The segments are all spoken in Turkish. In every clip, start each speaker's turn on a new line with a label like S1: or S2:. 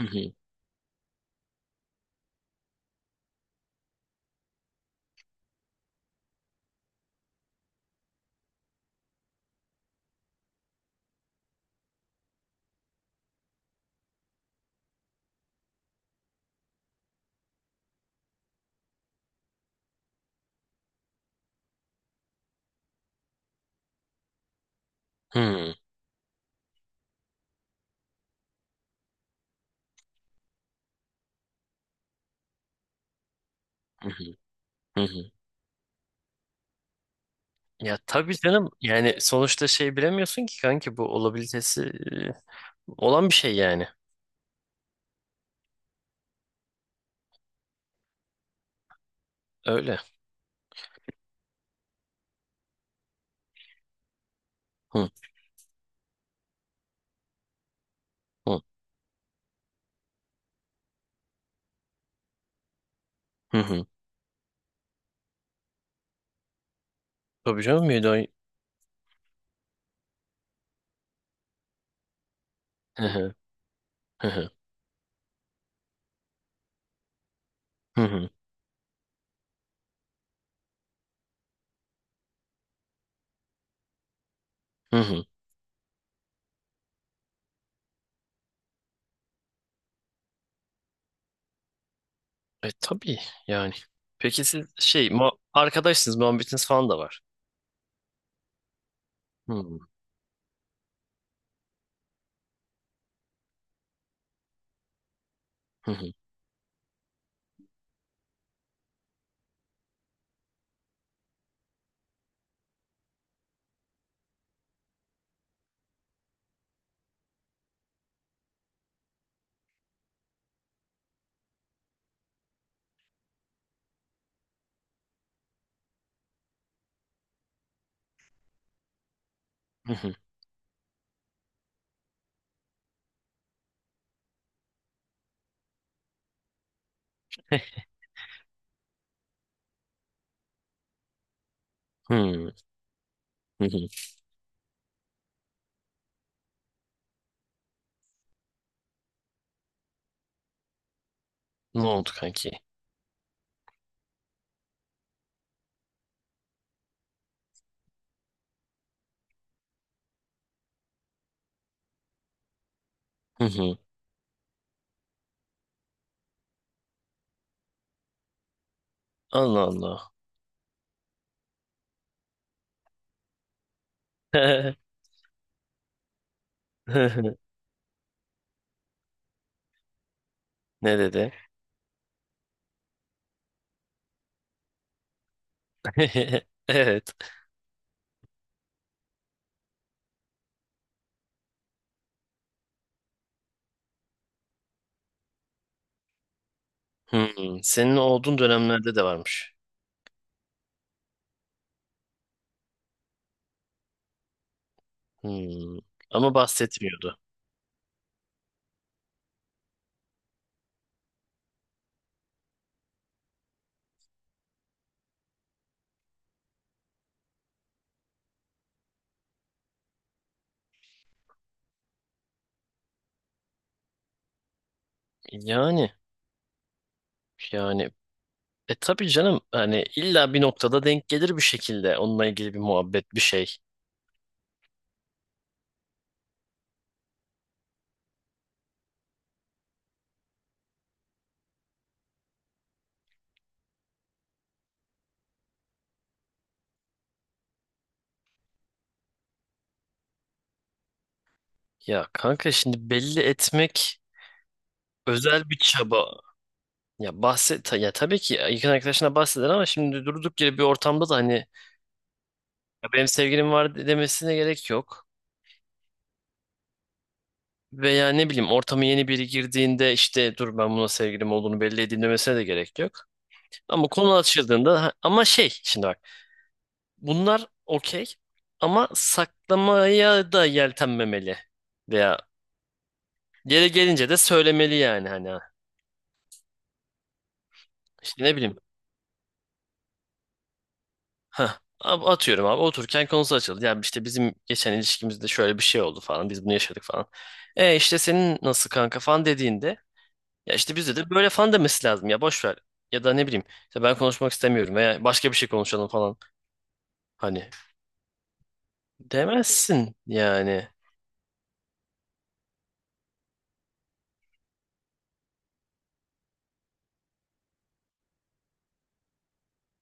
S1: Hı hı. Hı hı. Hı hı. Ya tabii canım, yani sonuçta şey, bilemiyorsun ki kanki, bu olabilitesi olan bir şey yani. Öyle. Hı hı. Hı hı. Tabii canım, müdahale. Hı hı. Hı hı. Hı hı. Hı hı. E tabii yani. Peki siz şey mu arkadaşsınız, muhabbetiniz falan da var. Hı hı. Hı hı. Hı hı. Hı hı. Ne oldu kanki? Hı hı. Allah Allah. Ne dedi? Evet. Hmm, senin olduğun dönemlerde de varmış. Hmm, ama bahsetmiyordu. Yani yani e tabii canım, hani illa bir noktada denk gelir bir şekilde onunla ilgili bir muhabbet bir şey. Ya kanka, şimdi belli etmek özel bir çaba. Ya bahset ta- ya tabii ki yakın arkadaşına bahseder, ama şimdi durduk yere bir ortamda da hani "Ya benim sevgilim var" demesine gerek yok. Veya ne bileyim, ortama yeni biri girdiğinde işte "dur ben buna sevgilim olduğunu belli edeyim" demesine de gerek yok. Ama konu açıldığında ha- ama şey, şimdi bak, bunlar okey ama saklamaya da yeltenmemeli. Veya yere gelince de söylemeli yani, hani ha. işte ne bileyim, heh, ab- atıyorum abi, otururken konusu açıldı. Yani işte bizim geçen ilişkimizde şöyle bir şey oldu falan. Biz bunu yaşadık falan. E işte senin nasıl kanka falan dediğinde, ya işte bizde de böyle falan demesi lazım ya, boş ver. Ya da ne bileyim, işte ben konuşmak istemiyorum veya başka bir şey konuşalım falan. Hani demezsin yani.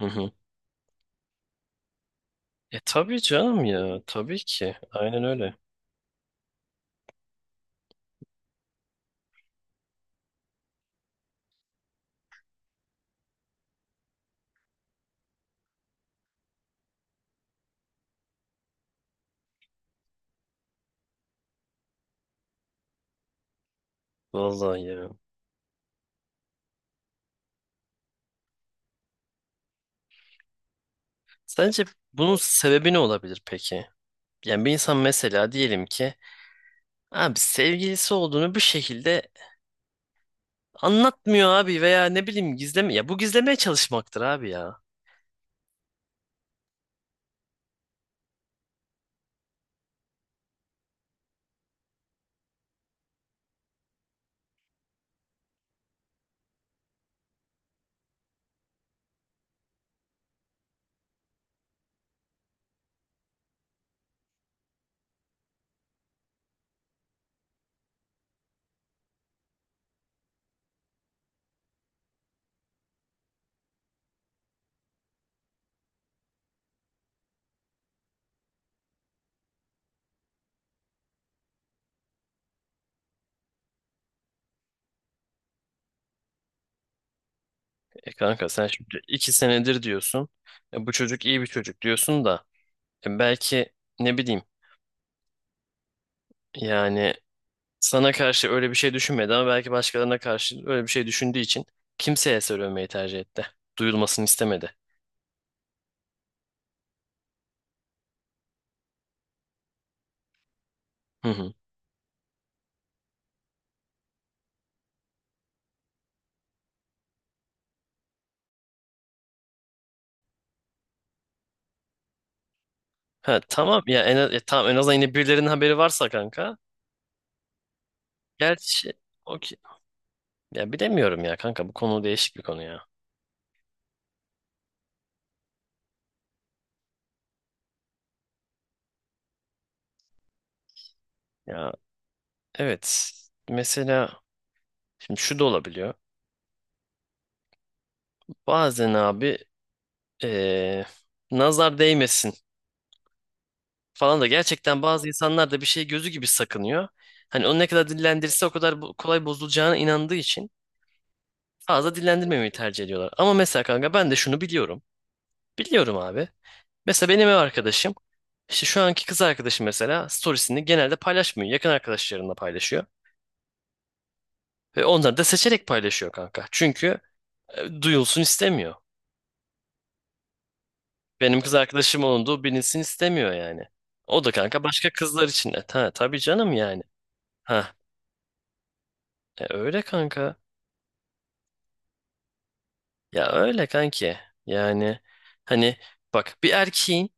S1: Hı hı. E tabii canım, ya tabii ki. Aynen öyle. Vallahi ya. Sence bunun sebebi ne olabilir peki? Yani bir insan mesela, diyelim ki abi, sevgilisi olduğunu bir şekilde anlatmıyor abi, veya ne bileyim, gizleme, ya bu gizlemeye çalışmaktır abi ya. E kanka, sen şimdi iki senedir diyorsun. E bu çocuk iyi bir çocuk diyorsun da, e belki, ne bileyim, yani sana karşı öyle bir şey düşünmedi ama belki başkalarına karşı öyle bir şey düşündüğü için kimseye söylemeyi tercih etti. Duyulmasını istemedi. Hı hı. Ha tamam, ya en az, ya tamam, en azından yine birilerinin haberi varsa kanka. Gerçi okey. Ya bilemiyorum ya kanka, bu konu değişik bir konu ya. Ya evet. Mesela, şimdi şu da olabiliyor. Bazen abi, eee, nazar değmesin falan da, gerçekten bazı insanlar da bir şey gözü gibi sakınıyor. Hani onu ne kadar dillendirirse o kadar bu- kolay bozulacağına inandığı için fazla dillendirmemeyi tercih ediyorlar. Ama mesela kanka, ben de şunu biliyorum. Biliyorum abi. Mesela benim ev arkadaşım, işte şu anki kız arkadaşım mesela, storiesini genelde paylaşmıyor. Yakın arkadaşlarında paylaşıyor. Ve onları da seçerek paylaşıyor kanka. Çünkü duyulsun istemiyor. Benim kız arkadaşım olduğu bilinsin istemiyor yani. O da kanka başka kızlar için. E, ta, tabii canım yani. Ha, e, öyle kanka. Ya öyle kanki. Yani hani, bak, bir erkeğin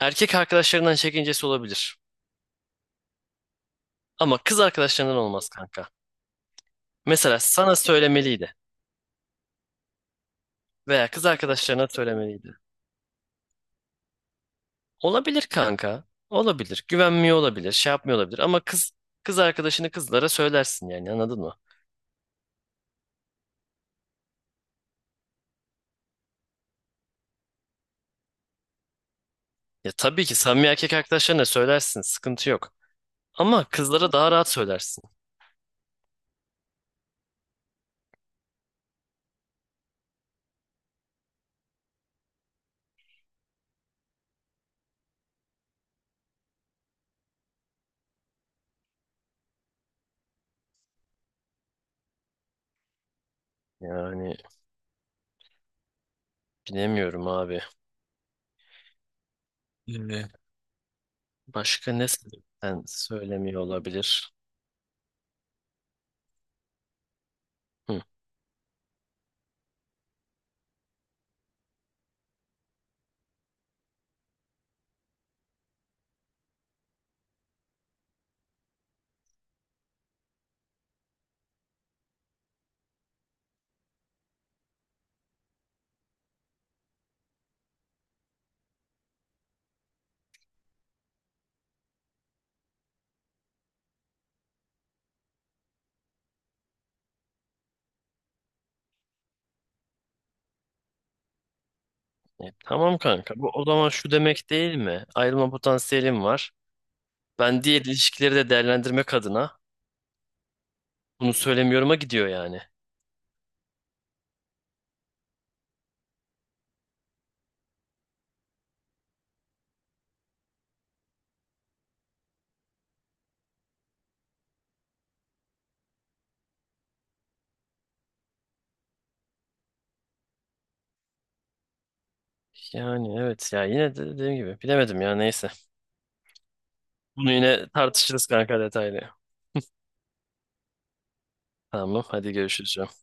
S1: erkek arkadaşlarından çekincesi olabilir. Ama kız arkadaşlarından olmaz kanka. Mesela sana söylemeliydi veya kız arkadaşlarına söylemeliydi. Olabilir kanka. Olabilir. Güvenmiyor olabilir. Şey yapmıyor olabilir. Ama kız, kız arkadaşını kızlara söylersin yani, anladın mı? Ya tabii ki samimi erkek arkadaşlarına söylersin. Sıkıntı yok. Ama kızlara daha rahat söylersin. Yani bilemiyorum abi. Ee, Başka ne, sen söylemiyor olabilir? Hı. E, tamam kanka. Bu o zaman şu demek değil mi? Ayrılma potansiyelim var. Ben diğer ilişkileri de değerlendirmek adına bunu söylemiyorum'a gidiyor yani. Yani evet ya, yine de dediğim gibi bilemedim, ya neyse. Bunu yine tartışırız kanka, detaylı. Tamam, hadi görüşürüz.